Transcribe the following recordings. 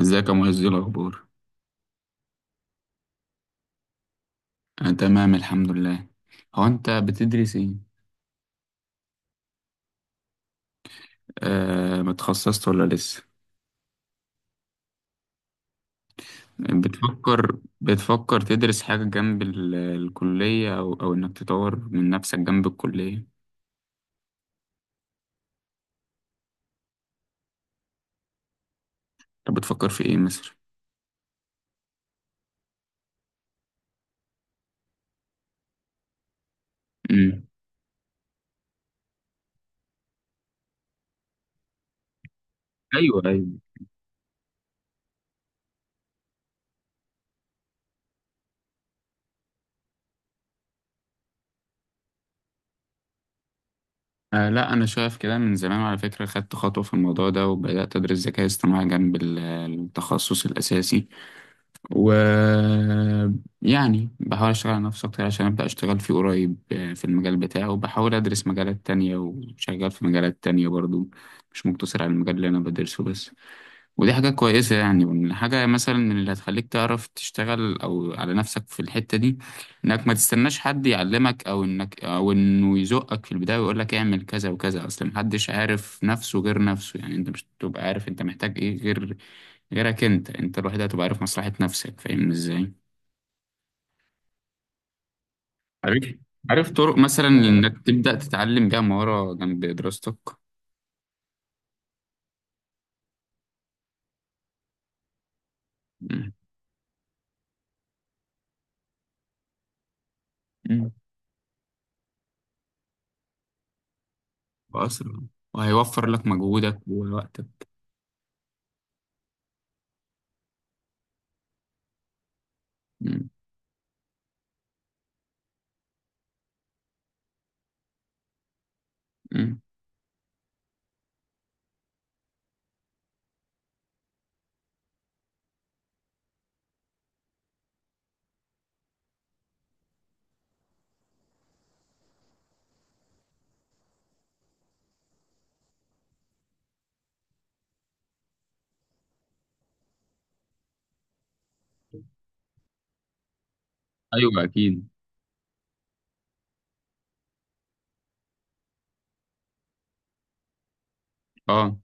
ازيك يا معز، ايه الاخبار؟ انا تمام الحمد لله. هو انت بتدرس ايه؟ آه، ما اتخصصت ولا لسه؟ بتفكر تدرس حاجه جنب الكليه او انك تطور من نفسك جنب الكليه؟ طب بتفكر في ايه مثلا؟ امم، ايوه ايوه. آه لا، انا شايف كده من زمان على فكره، خدت خطوه في الموضوع ده وبدات ادرس ذكاء اصطناعي جنب التخصص الاساسي، و يعني بحاول اشتغل على نفسي اكتر عشان ابدا اشتغل فيه قريب، في المجال بتاعه، وبحاول ادرس مجالات تانية وشغال في مجالات تانية برضو، مش مقتصر على المجال اللي انا بدرسه بس. ودي حاجة كويسة يعني، وإن حاجة مثلا من اللي هتخليك تعرف تشتغل أو على نفسك في الحتة دي، إنك ما تستناش حد يعلمك أو إنه يزقك في البداية ويقول لك اعمل كذا وكذا، أصل محدش عارف نفسه غير نفسه، يعني أنت مش هتبقى عارف أنت محتاج إيه غير غيرك، أنت الوحيد اللي هتبقى عارف مصلحة نفسك، فاهمني إزاي؟ عارف. عارف طرق مثلا إنك تبدأ تتعلم بيها مهارة جنب دراستك؟ مم. مم. وأسرع، وهيوفر لك مجهودك ووقتك. مم. مم. أيوه أكيد، اه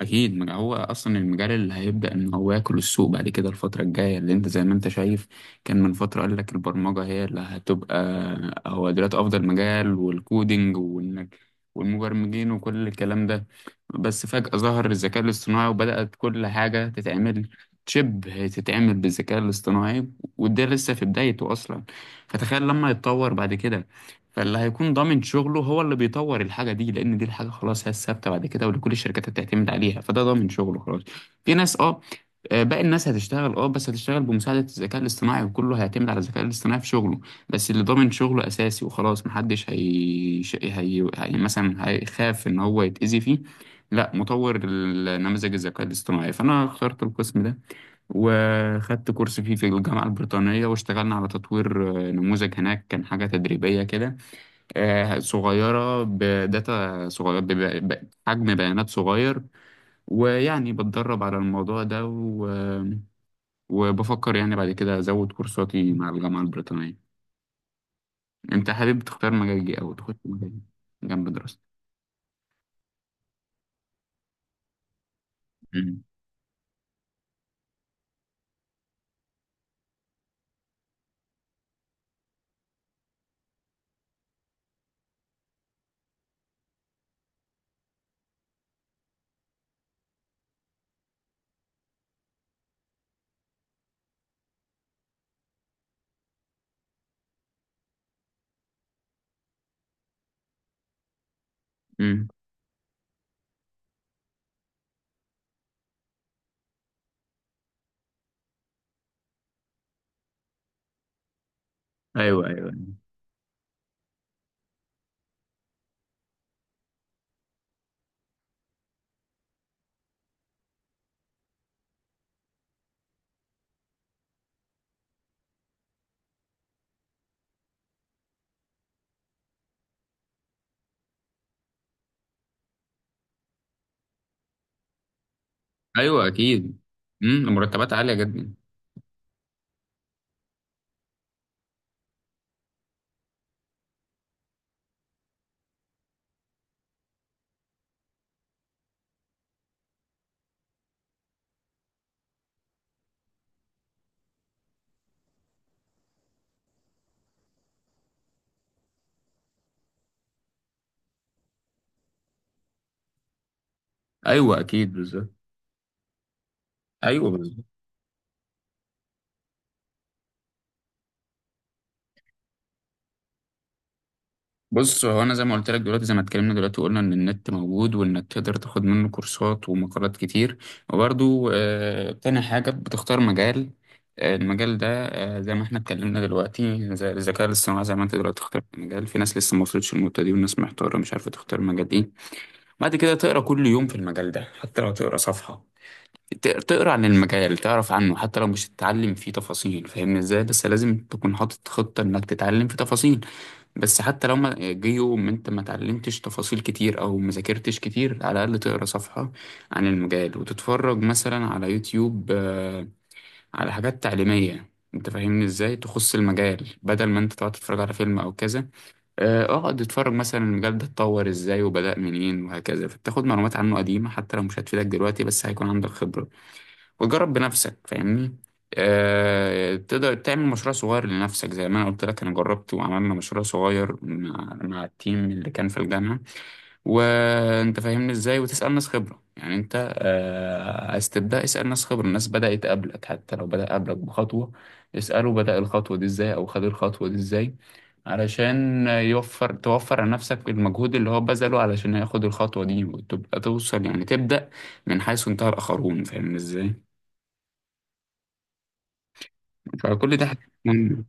اكيد ما هو اصلا المجال اللي هيبدا ان هو ياكل السوق بعد كده الفتره الجايه، اللي انت زي ما انت شايف كان من فتره قال لك البرمجه هي اللي هتبقى هو دلوقتي افضل مجال والكودينج، والمبرمجين وكل الكلام ده، بس فجاه ظهر الذكاء الاصطناعي وبدات كل حاجه تتعمل شبه تتعمل بالذكاء الاصطناعي، وده لسه في بدايته اصلا، فتخيل لما يتطور بعد كده، فاللي هيكون ضامن شغله هو اللي بيطور الحاجة دي، لأن دي الحاجة خلاص هي الثابتة بعد كده واللي كل الشركات هتعتمد عليها، فده ضامن شغله خلاص. في ناس باقي الناس هتشتغل بس هتشتغل بمساعدة الذكاء الاصطناعي، وكله هيعتمد على الذكاء الاصطناعي في شغله. بس اللي ضامن شغله أساسي وخلاص محدش هي مثلا هيخاف إن هو يتأذي فيه. لا، مطور النماذج الذكاء الاصطناعي، فأنا اخترت القسم ده، وخدت كورس فيه في الجامعة البريطانية واشتغلنا على تطوير نموذج هناك. كان حاجة تدريبية كده، صغيرة، بداتا صغير بب- ب- بحجم بيانات صغير، ويعني بتدرب على الموضوع ده وبفكر يعني بعد كده أزود كورساتي مع الجامعة البريطانية. أنت حابب تختار مجال إيه أو تخش مجال إيه جنب دراستك؟ مم. مم. أيوه أيوه. أيوه أكيد. مم. المرتبات عالية جدا. أيوه أكيد بالظبط. أيوه بالظبط. بص، هو انا زي ما قلت لك دلوقتي زي ما اتكلمنا دلوقتي وقلنا ان النت موجود وانك تقدر تاخد منه كورسات ومقالات كتير، وبرده تاني حاجة بتختار مجال، المجال ده، زي ما احنا اتكلمنا دلوقتي زي الذكاء الاصطناعي زي ما انت دلوقتي اخترت مجال، في ناس لسه ما وصلتش للنقطة دي والناس محتارة مش عارفة تختار مجال ايه. بعد كده تقرا كل يوم في المجال ده، حتى لو تقرا صفحة، تقرا عن المجال، تعرف عنه حتى لو مش تتعلم فيه تفاصيل، فاهمني ازاي؟ بس لازم تكون حاطط خطة انك تتعلم في تفاصيل. بس حتى لو ما جه يوم انت ما اتعلمتش تفاصيل كتير او ما ذاكرتش كتير، على الاقل تقرا صفحه عن المجال وتتفرج مثلا على يوتيوب، على حاجات تعليميه، انت فاهمني ازاي، تخص المجال بدل ما انت تقعد تتفرج على فيلم او كذا. اقعد اتفرج مثلا المجال ده اتطور ازاي وبدأ منين وهكذا، فتاخد معلومات عنه قديمه حتى لو مش هتفيدك دلوقتي بس هيكون عندك خبره، وجرب بنفسك فاهمني. أه تقدر تعمل مشروع صغير لنفسك، زي ما انا قلت لك انا جربت وعملنا مشروع صغير مع التيم اللي كان في الجامعة، وانت فاهمني ازاي، وتسأل ناس خبرة، يعني انت عايز تبدأ اسأل ناس خبرة، الناس بدأت قبلك حتى لو بدأ قبلك بخطوة، اسأله بدأ الخطوة دي ازاي او خد الخطوة دي ازاي، علشان توفر على نفسك المجهود اللي هو بذله علشان ياخد الخطوة دي، وتبقى توصل يعني تبدأ من حيث انتهى الآخرون، فاهم ازاي. فكل ده حاجات مهمة.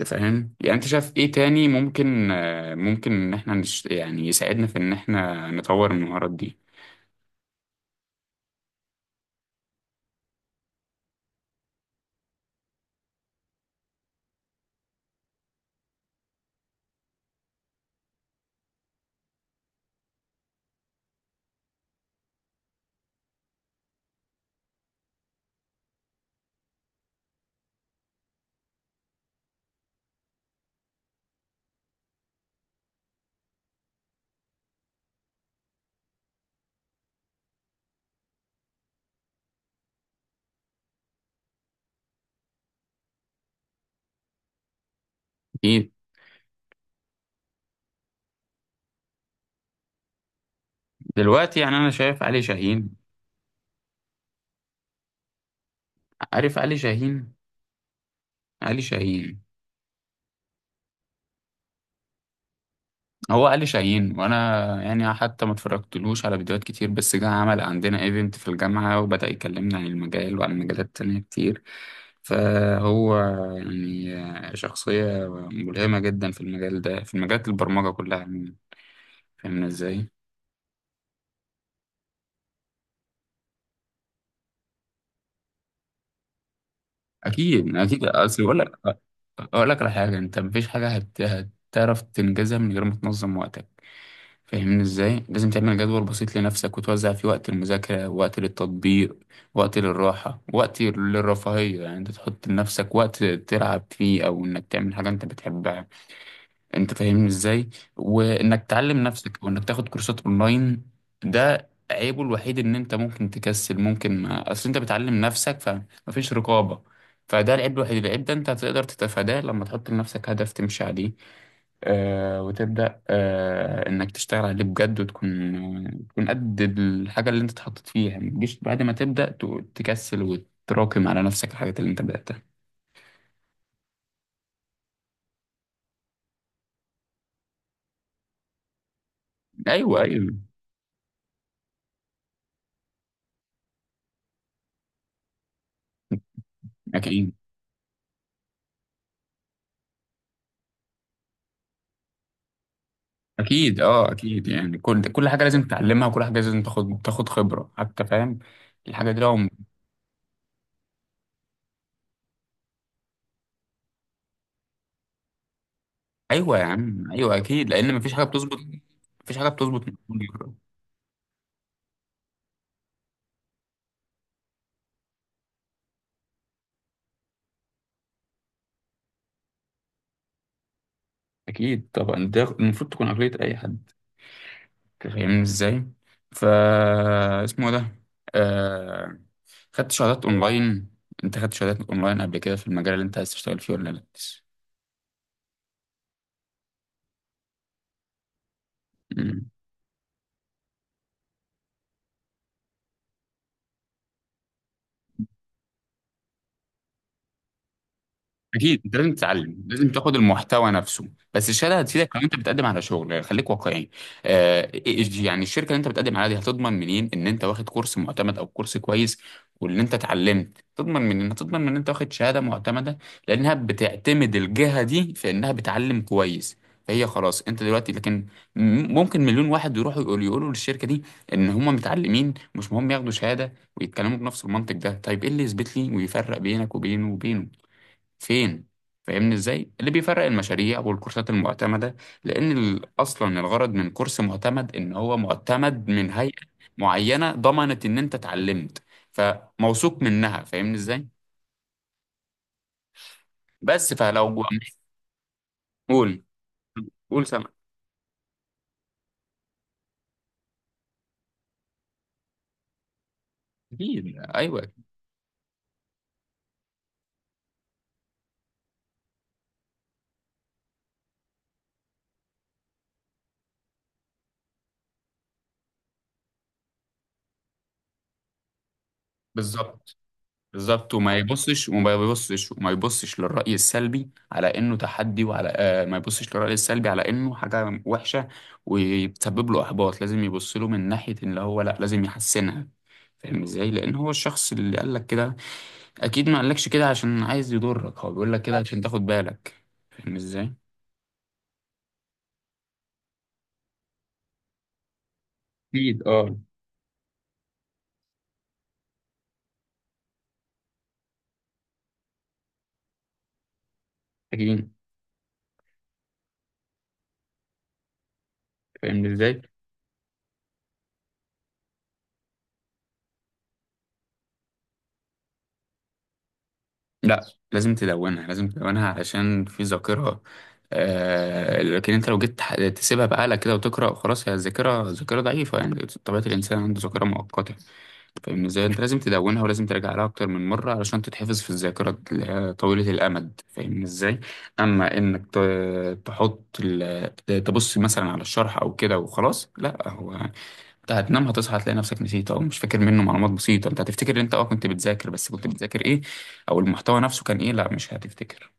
أنت فاهم، يعني انت شايف ايه تاني ممكن ممكن ان احنا يعني يساعدنا في ان احنا نطور المهارات دي؟ اكيد. دلوقتي يعني انا شايف علي شاهين. عارف علي شاهين. علي شاهين. هو علي شاهين، وانا يعني حتى ما اتفرجتلوش على فيديوهات كتير، بس جه عمل عندنا ايفنت في الجامعة وبدأ يكلمنا عن المجال وعن مجالات تانية كتير، فهو يعني شخصية ملهمة جدا في المجال ده، في مجالات البرمجة كلها عموما. فاهمنا ازاي؟ اكيد اكيد، اصل بقول لك اقول لك على حاجه، انت مفيش حاجه هتعرف تنجزها من غير ما تنظم وقتك، فاهمني ازاي، لازم تعمل جدول بسيط لنفسك وتوزع فيه وقت المذاكره، وقت للتطبيق، وقت للراحه، وقت للرفاهيه، يعني انت تحط لنفسك وقت تلعب فيه او انك تعمل حاجه انت بتحبها، انت فاهمني ازاي، وانك تعلم نفسك وانك تاخد كورسات اونلاين. ده عيبه الوحيد، ان انت ممكن تكسل ممكن ما اصل انت بتعلم نفسك فمفيش رقابة، فده العيب الوحيد. العيب ده انت هتقدر تتفاداه لما تحط لنفسك هدف تمشي عليه، وتبدأ انك تشتغل عليه بجد، وتكون قد الحاجة اللي انت اتحطيت فيها ما تجيش بعد ما تبدأ تكسل وتراكم على نفسك الحاجات اللي انت بدأتها. ايوه ايوه اكيد، اكيد اه اكيد، يعني كل حاجه لازم تتعلمها، وكل حاجه لازم تاخد خبره حتى، فاهم. الحاجه دي ايوه يا عم ايوه اكيد، لان مفيش حاجه بتظبط، مفيش حاجه بتظبط من أول مرة. اكيد طبعا، ده المفروض تكون عقليه اي حد، فاهمني ازاي. ف اسمه إيه ده آه... خدت شهادات اونلاين انت خدت شهادات اونلاين قبل كده في المجال اللي انت عايز تشتغل فيه ولا؟ لا، اكيد انت لازم تتعلم لازم تاخد المحتوى نفسه، بس الشهاده هتفيدك لو انت بتقدم على شغل، خليك واقعي. يعني الشركه اللي انت بتقدم عليها دي هتضمن منين ان انت واخد كورس معتمد او كورس كويس، وان انت اتعلمت، تضمن منين؟ تضمن من ان انت واخد شهاده معتمده، لانها بتعتمد الجهه دي في انها بتعلم كويس، فهي خلاص انت دلوقتي لكن ممكن مليون واحد يروحوا يقولوا للشركه دي ان هم متعلمين، مش مهم ياخدوا شهاده ويتكلموا بنفس المنطق ده، طيب ايه اللي يثبت لي ويفرق بينك وبينه فين؟ فاهمني ازاي، اللي بيفرق المشاريع والكورسات المعتمده، لان اصلا الغرض من كورس معتمد ان هو معتمد من هيئه معينه ضمنت ان انت اتعلمت، فموثوق منها، فاهمني ازاي. بس فلو، قول، قول، سامع. اكيد ايوه بالظبط، بالظبط، وما يبصش للرأي السلبي على انه تحدي، وعلى آه ما يبصش للرأي السلبي على انه حاجة وحشة ويسبب له احباط، لازم يبص له من ناحية ان هو لا لازم يحسنها، فاهم ازاي، لان هو الشخص اللي قال لك كده اكيد ما قالكش كده عشان عايز يضرك، هو بيقول لك كده عشان تاخد بالك، فاهم ازاي. اكيد اه اكيد، فاهم ازاي. لا، لازم تدونها علشان في ذاكرة، آه لكن انت لو جيت تسيبها بقالك كده وتقرأ خلاص، هي الذاكرة ذاكرة ضعيفة، يعني طبيعة الإنسان عنده ذاكرة مؤقتة، فاهم ازاي، انت لازم تدونها ولازم ترجع لها أكتر من مرة علشان تتحفظ في الذاكرة اللي هي طويلة الأمد، فاهم ازاي. أما إنك تحط تبص مثلا على الشرح أو كده وخلاص، لا هو، انت هتنام هتصحى هتلاقي نفسك نسيت او مش فاكر منه معلومات بسيطة، انت هتفتكر ان انت كنت بتذاكر، بس كنت بتذاكر ايه او المحتوى نفسه كان ايه؟ لا مش هتفتكر.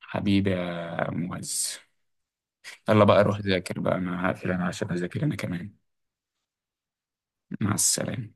حبيبي يا معز، يلا بقى روح ذاكر بقى، انا هقفل انا عشان اذاكر انا كمان. مع السلامة.